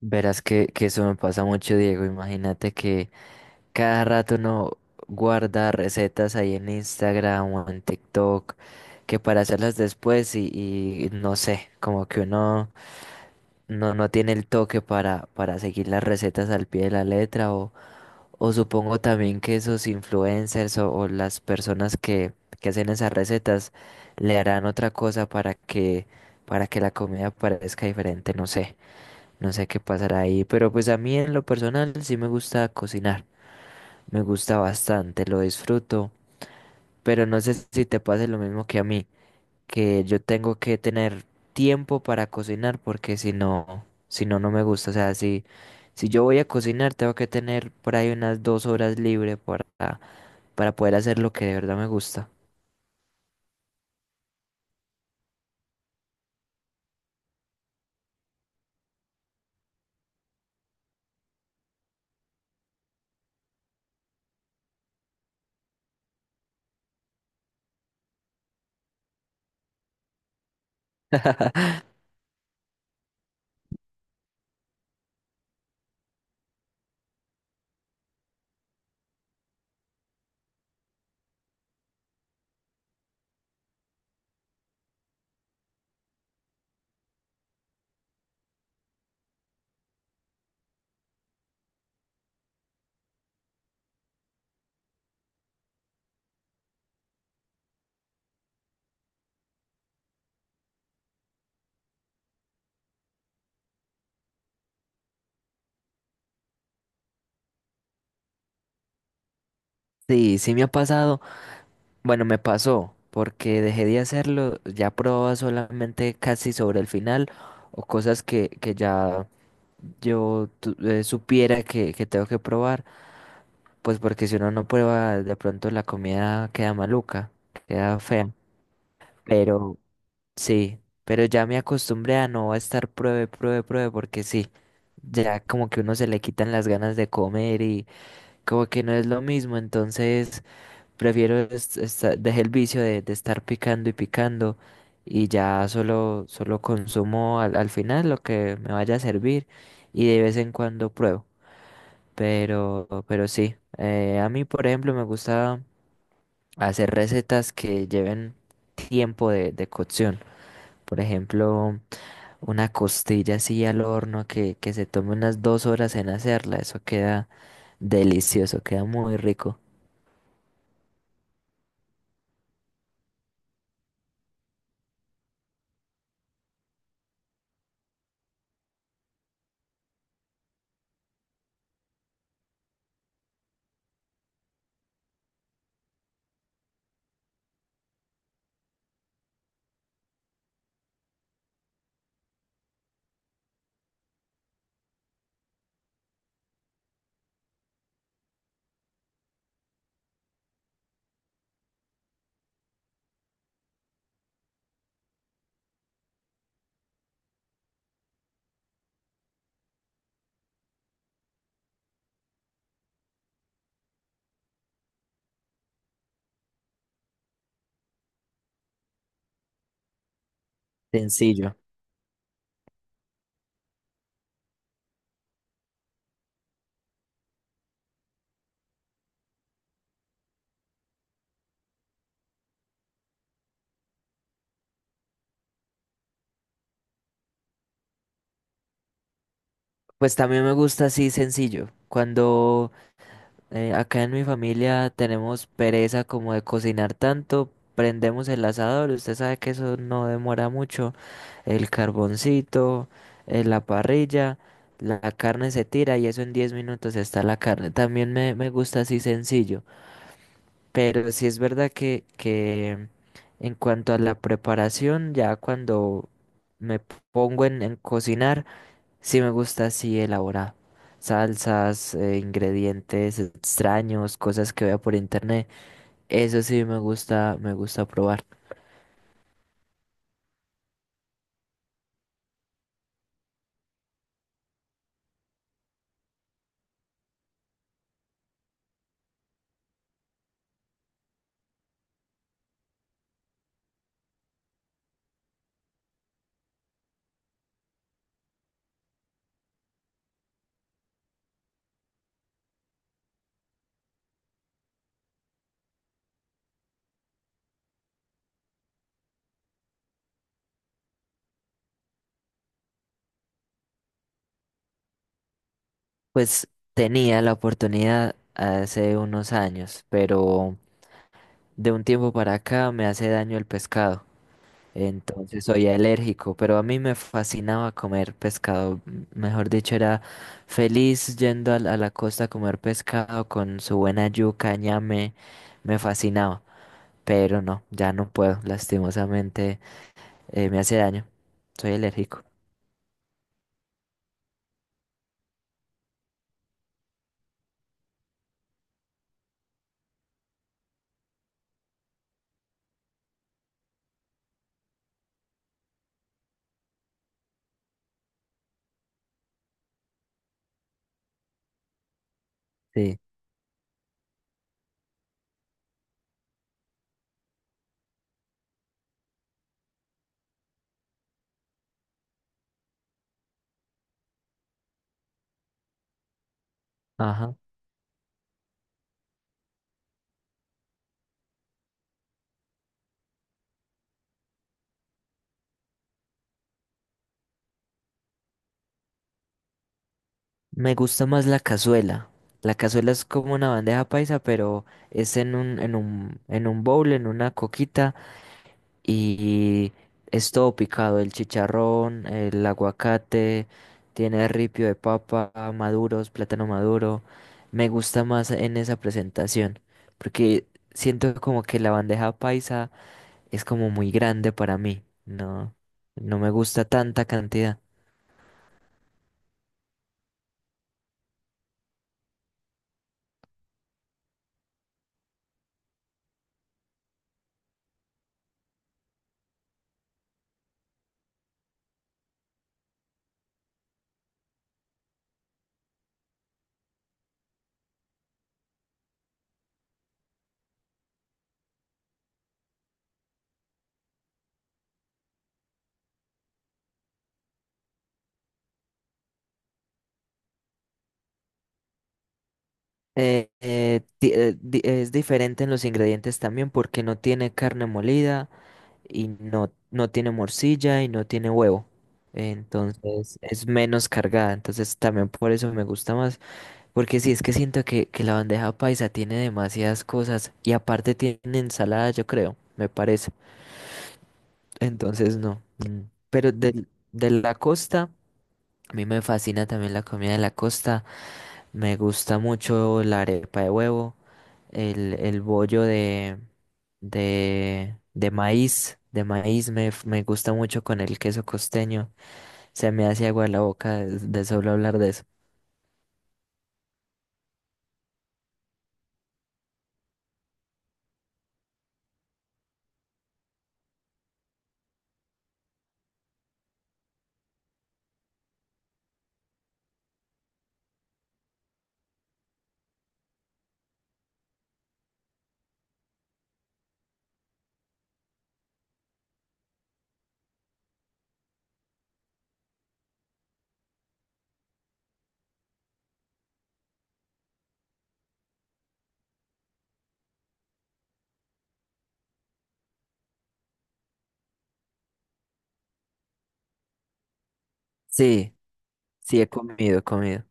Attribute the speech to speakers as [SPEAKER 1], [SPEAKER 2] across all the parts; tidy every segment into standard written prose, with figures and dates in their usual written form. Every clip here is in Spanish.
[SPEAKER 1] Verás que eso me pasa mucho, Diego. Imagínate que cada rato uno guarda recetas ahí en Instagram o en TikTok, que para hacerlas después y no sé, como que uno no tiene el toque para seguir las recetas al pie de la letra. O supongo también que esos influencers o las personas que hacen esas recetas le harán otra cosa para que la comida parezca diferente, no sé. No sé qué pasará ahí, pero pues a mí en lo personal sí me gusta cocinar, me gusta bastante, lo disfruto, pero no sé si te pase lo mismo que a mí, que yo tengo que tener tiempo para cocinar porque si no, no me gusta, o sea, si yo voy a cocinar tengo que tener por ahí unas 2 horas libre para poder hacer lo que de verdad me gusta. Sí, sí me ha pasado. Bueno, me pasó, porque dejé de hacerlo, ya probaba solamente casi sobre el final o cosas que ya supiera que tengo que probar, pues porque si uno no prueba, de pronto la comida queda maluca, queda fea. Pero sí, pero ya me acostumbré a no estar pruebe, pruebe, pruebe, porque sí, ya como que uno se le quitan las ganas de comer y como que no es lo mismo, entonces. Prefiero es dejé el vicio de estar picando y picando y ya solo consumo al final lo que me vaya a servir y de vez en cuando pruebo. Pero sí, a mí por ejemplo me gusta hacer recetas que lleven tiempo de cocción. Por ejemplo, una costilla así al horno que se tome unas 2 horas en hacerla. Eso queda delicioso, queda muy rico. Sencillo. Pues también me gusta así sencillo. Cuando acá en mi familia tenemos pereza como de cocinar tanto, prendemos el asador. Usted sabe que eso no demora mucho. El carboncito, la parrilla, la carne se tira y eso en 10 minutos está la carne. También me gusta así sencillo. Pero sí es verdad que en cuanto a la preparación, ya cuando me pongo en cocinar. Sí me gusta así elaborado. Salsas, ingredientes extraños, cosas que vea por internet. Eso sí me gusta probar. Pues tenía la oportunidad hace unos años, pero de un tiempo para acá me hace daño el pescado. Entonces soy alérgico, pero a mí me fascinaba comer pescado. Mejor dicho, era feliz yendo a la costa a comer pescado con su buena yuca, ñame. Me fascinaba. Pero no, ya no puedo, lastimosamente, me hace daño, soy alérgico. Sí, ajá. Me gusta más la cazuela. La cazuela es como una bandeja paisa, pero es en un bowl, en una coquita, y es todo picado, el chicharrón, el aguacate, tiene ripio de papa, maduros, plátano maduro. Me gusta más en esa presentación, porque siento como que la bandeja paisa es como muy grande para mí. No, no me gusta tanta cantidad. Es diferente en los ingredientes también porque no tiene carne molida y no tiene morcilla y no tiene huevo. Entonces es menos cargada. Entonces también por eso me gusta más. Porque sí, es que siento que la bandeja paisa tiene demasiadas cosas y aparte tiene ensalada, yo creo, me parece. Entonces no. Mm. Pero de la costa. A mí me fascina también la comida de la costa. Me gusta mucho la arepa de huevo, el bollo de maíz, de maíz me gusta mucho con el queso costeño. Se me hace agua la boca de solo hablar de eso. Sí, sí, he comido, he comido.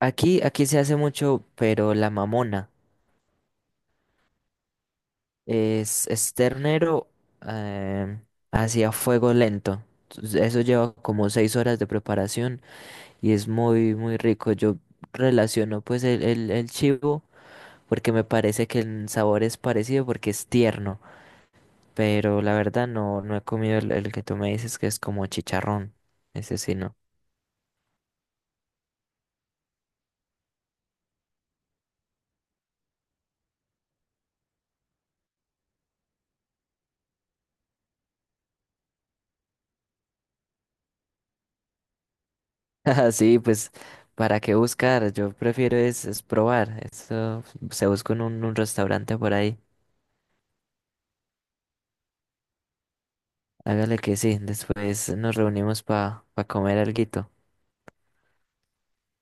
[SPEAKER 1] Aquí se hace mucho, pero la mamona es ternero, eh, hacia fuego lento. Entonces, eso lleva como 6 horas de preparación y es muy, muy rico. Yo relaciono pues el chivo porque me parece que el sabor es parecido porque es tierno, pero la verdad no he comido el que tú me dices que es como chicharrón. Ese sí no. Sí, pues para qué buscar, yo prefiero es probar. Esto se busca en un restaurante por ahí. Hágale que sí, después nos reunimos para comer alguito.